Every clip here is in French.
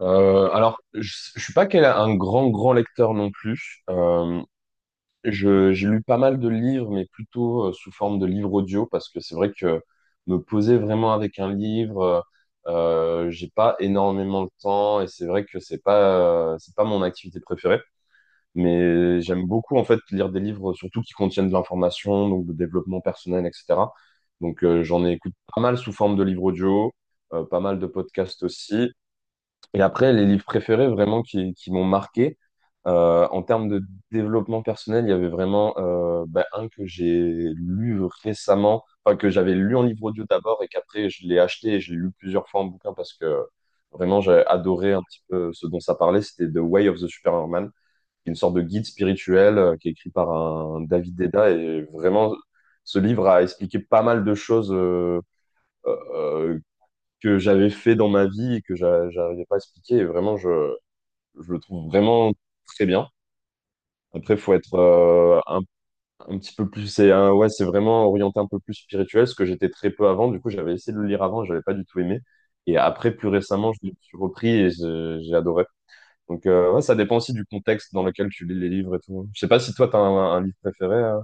Je suis pas un grand lecteur non plus. J'ai lu pas mal de livres, mais plutôt sous forme de livres audio, parce que c'est vrai que me poser vraiment avec un livre, j'ai pas énormément de temps, et c'est vrai que c'est pas mon activité préférée. Mais j'aime beaucoup en fait lire des livres, surtout qui contiennent de l'information, donc de développement personnel, etc. Donc, j'en écoute pas mal sous forme de livres audio, pas mal de podcasts aussi. Et après, les livres préférés vraiment qui m'ont marqué, en termes de développement personnel, il y avait vraiment un que j'ai lu récemment, enfin que j'avais lu en livre audio d'abord et qu'après je l'ai acheté et je l'ai lu plusieurs fois en bouquin parce que vraiment j'ai adoré un petit peu ce dont ça parlait, c'était The Way of the Superman, une sorte de guide spirituel qui est écrit par un David Deda et vraiment ce livre a expliqué pas mal de choses. Euh, que j'avais fait dans ma vie et que j'arrivais pas à expliquer. Et vraiment, je le trouve vraiment très bien. Après, faut être un petit peu plus. Ouais, c'est vraiment orienté un peu plus spirituel, ce que j'étais très peu avant. Du coup, j'avais essayé de le lire avant, j'avais pas du tout aimé. Et après, plus récemment, je l'ai repris et j'ai adoré. Donc, ouais, ça dépend aussi du contexte dans lequel tu lis les livres et tout. Je sais pas si toi, t'as un livre préféré.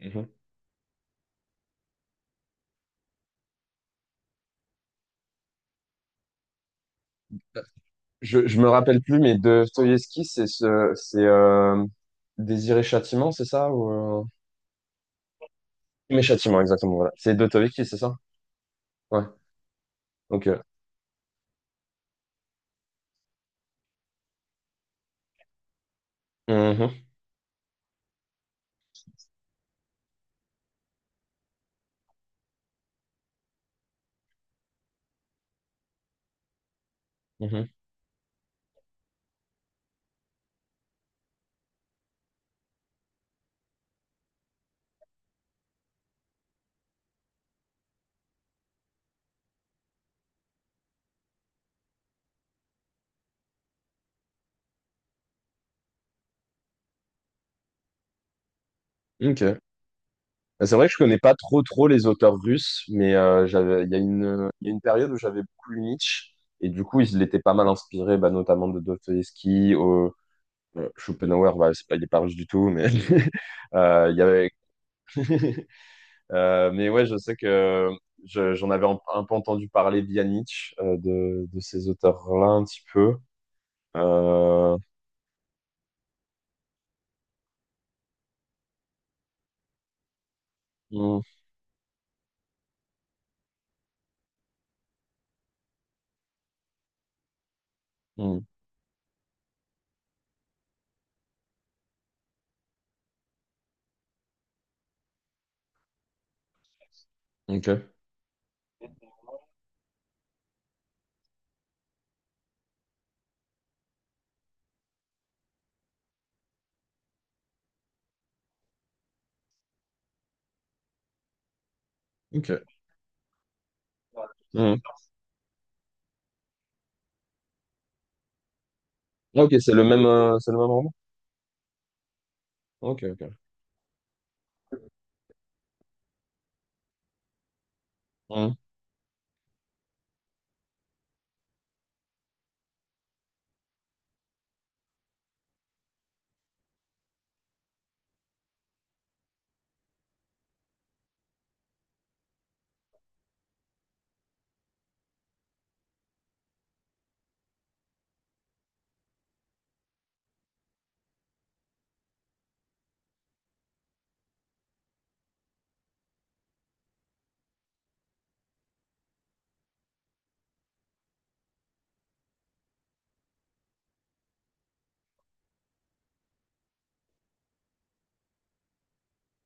Mhm. Je me rappelle plus, mais de Dostoïevski, c'est Désir et Châtiment, c'est ça ou, Crime et châtiment, exactement, voilà. C'est d'Autovecchi, c'est ça? Ouais. Ok. Mhm, mhm. Ok. Bah, c'est vrai que je connais pas trop les auteurs russes, mais j'avais, il y a une période où j'avais beaucoup lu Nietzsche, et du coup, il était pas mal inspiré, bah, notamment de Dostoïevski, au, Schopenhauer, bah, c'est pas, il est pas russe du tout, mais il y avait. Mais ouais, je sais que j'en avais un peu entendu parler via Nietzsche, de ces auteurs-là un petit peu. Euh, mhm, mhm. Ok. Ok. Hmm. Ah, ok, c'est le même roman? Ok, ok. Hmm.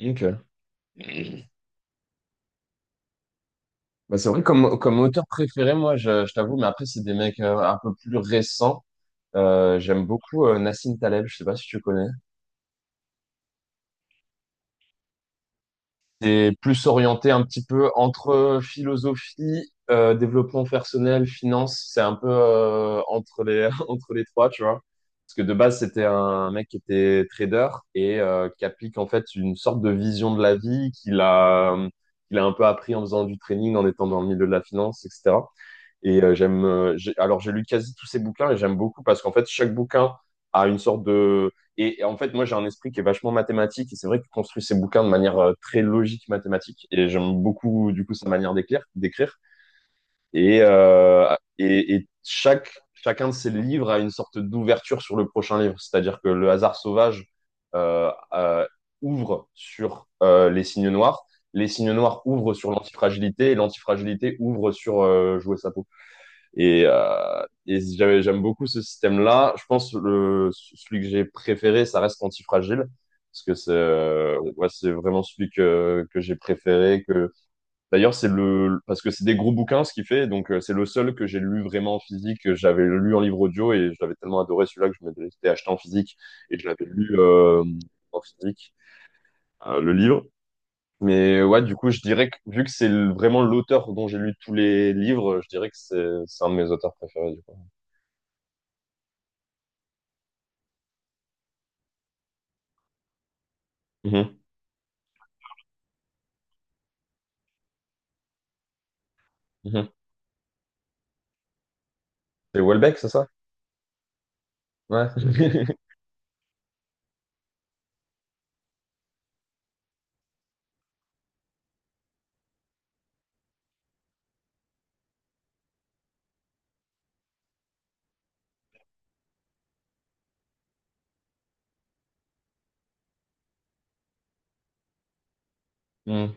Ok. Bah, c'est vrai, comme auteur préféré, moi, je t'avoue, mais après, c'est des mecs un peu plus récents. J'aime beaucoup Nassim Taleb, je sais pas si tu connais. C'est plus orienté un petit peu entre philosophie, développement personnel, finance. C'est un peu entre les, entre les trois, tu vois. Parce que de base, c'était un mec qui était trader et qui applique en fait une sorte de vision de la vie qu'il a, qu'il a un peu appris en faisant du training, en étant dans le milieu de la finance, etc. Et j'aime, alors j'ai lu quasi tous ces bouquins et j'aime beaucoup parce qu'en fait chaque bouquin a une sorte de, et en fait moi j'ai un esprit qui est vachement mathématique et c'est vrai qu'il construit ses bouquins de manière très logique mathématique et j'aime beaucoup du coup sa manière d'écrire, d'écrire et, et chaque chacun de ces livres a une sorte d'ouverture sur le prochain livre, c'est-à-dire que Le hasard sauvage euh, euh, ouvre sur les signes noirs ouvrent sur l'antifragilité et l'antifragilité ouvre sur jouer sa peau. Et j'aime beaucoup ce système-là. Je pense que le celui que j'ai préféré, ça reste Antifragile, parce que c'est ouais, c'est vraiment celui que j'ai préféré. Que d'ailleurs c'est le parce que c'est des gros bouquins ce qu'il fait, donc c'est le seul que j'ai lu vraiment en physique. Que j'avais lu en livre audio et je l'avais tellement adoré celui-là que je m'étais acheté en physique et je l'avais lu en physique le livre. Mais ouais, du coup, je dirais que vu que vraiment l'auteur dont j'ai lu tous les livres, je dirais que c'est un de mes auteurs préférés. Mhm. Mhm. C'est Welbeck, c'est ça? Ouais. Mhm.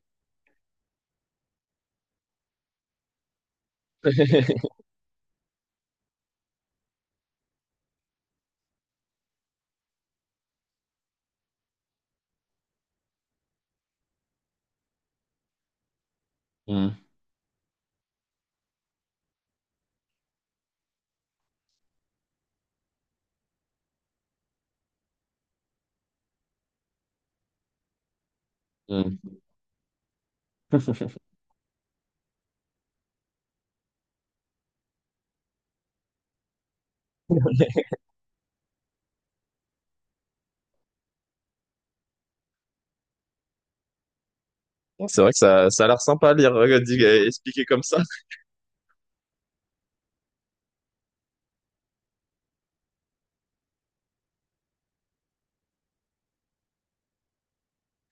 Mhm. Mhm. C'est vrai que ça a l'air sympa à lire, expliqué comme ça.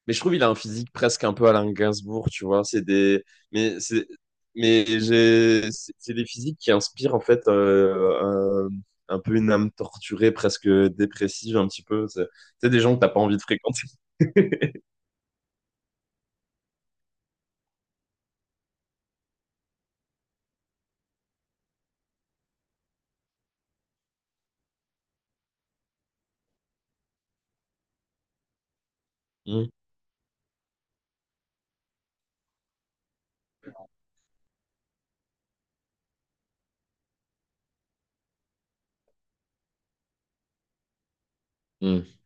Mais je trouve il a un physique presque un peu Alain Gainsbourg, tu vois. C'est des, mais c'est, mais j'ai, c'est des physiques qui inspirent en fait un peu une âme torturée, presque dépressive, un petit peu. C'est des gens que t'as pas envie de fréquenter. Mhm. Mhm.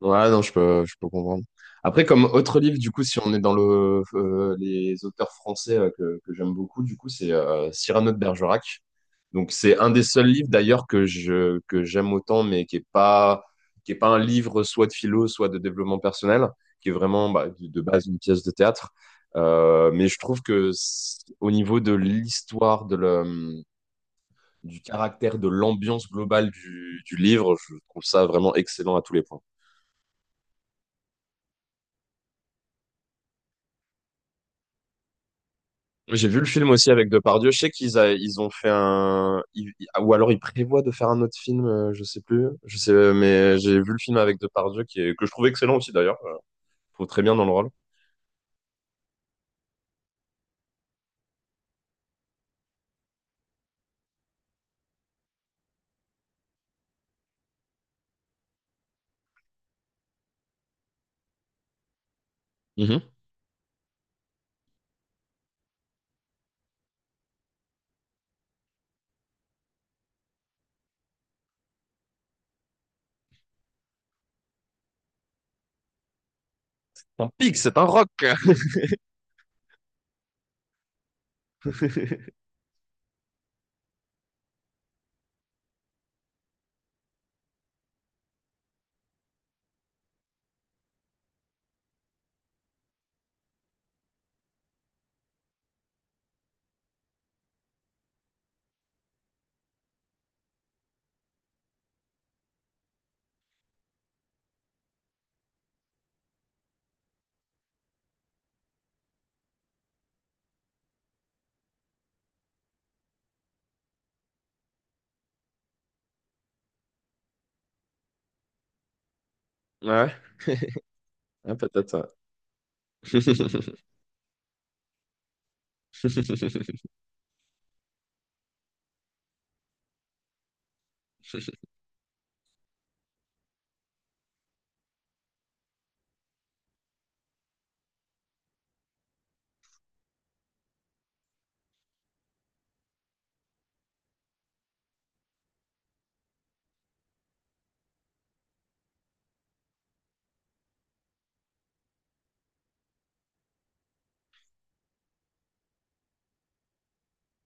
Ouais, non, je peux comprendre. Après, comme autre livre, du coup, si on est dans le, les auteurs français que j'aime beaucoup, du coup, c'est Cyrano de Bergerac. Donc, c'est un des seuls livres, d'ailleurs, que j'aime autant, mais qui est pas un livre soit de philo, soit de développement personnel, qui est vraiment, bah, de base, une pièce de théâtre. Mais je trouve que au niveau de l'histoire, du caractère, de l'ambiance globale du livre, je trouve ça vraiment excellent à tous les points. J'ai vu le film aussi avec Depardieu. Je sais ils ont fait un, ou alors ils prévoient de faire un autre film, je sais plus. Je sais, mais j'ai vu le film avec Depardieu qui est, que je trouve excellent aussi d'ailleurs. Je trouve très bien dans le rôle. Mhm. C'est un pig, c'est un rock. Ouais, ah, peut-être. Ouais.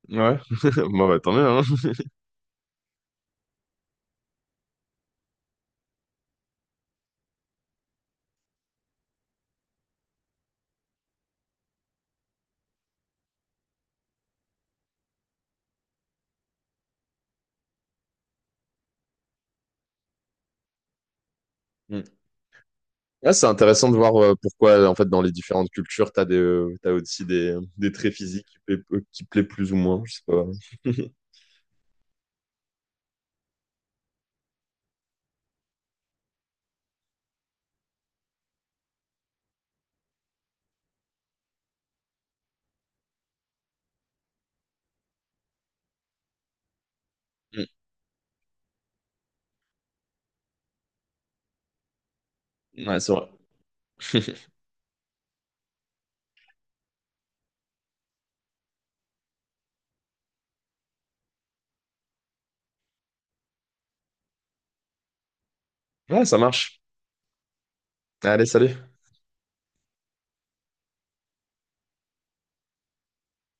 Ouais. Bon, bah, tant mieux, hein. Mm. Ouais, c'est intéressant de voir pourquoi, en fait, dans les différentes cultures, t'as des, t'as aussi des traits physiques qui plaient plus ou moins. Je sais pas. Mm. Ouais, c'est vrai. Ouais, ça marche. Allez, salut.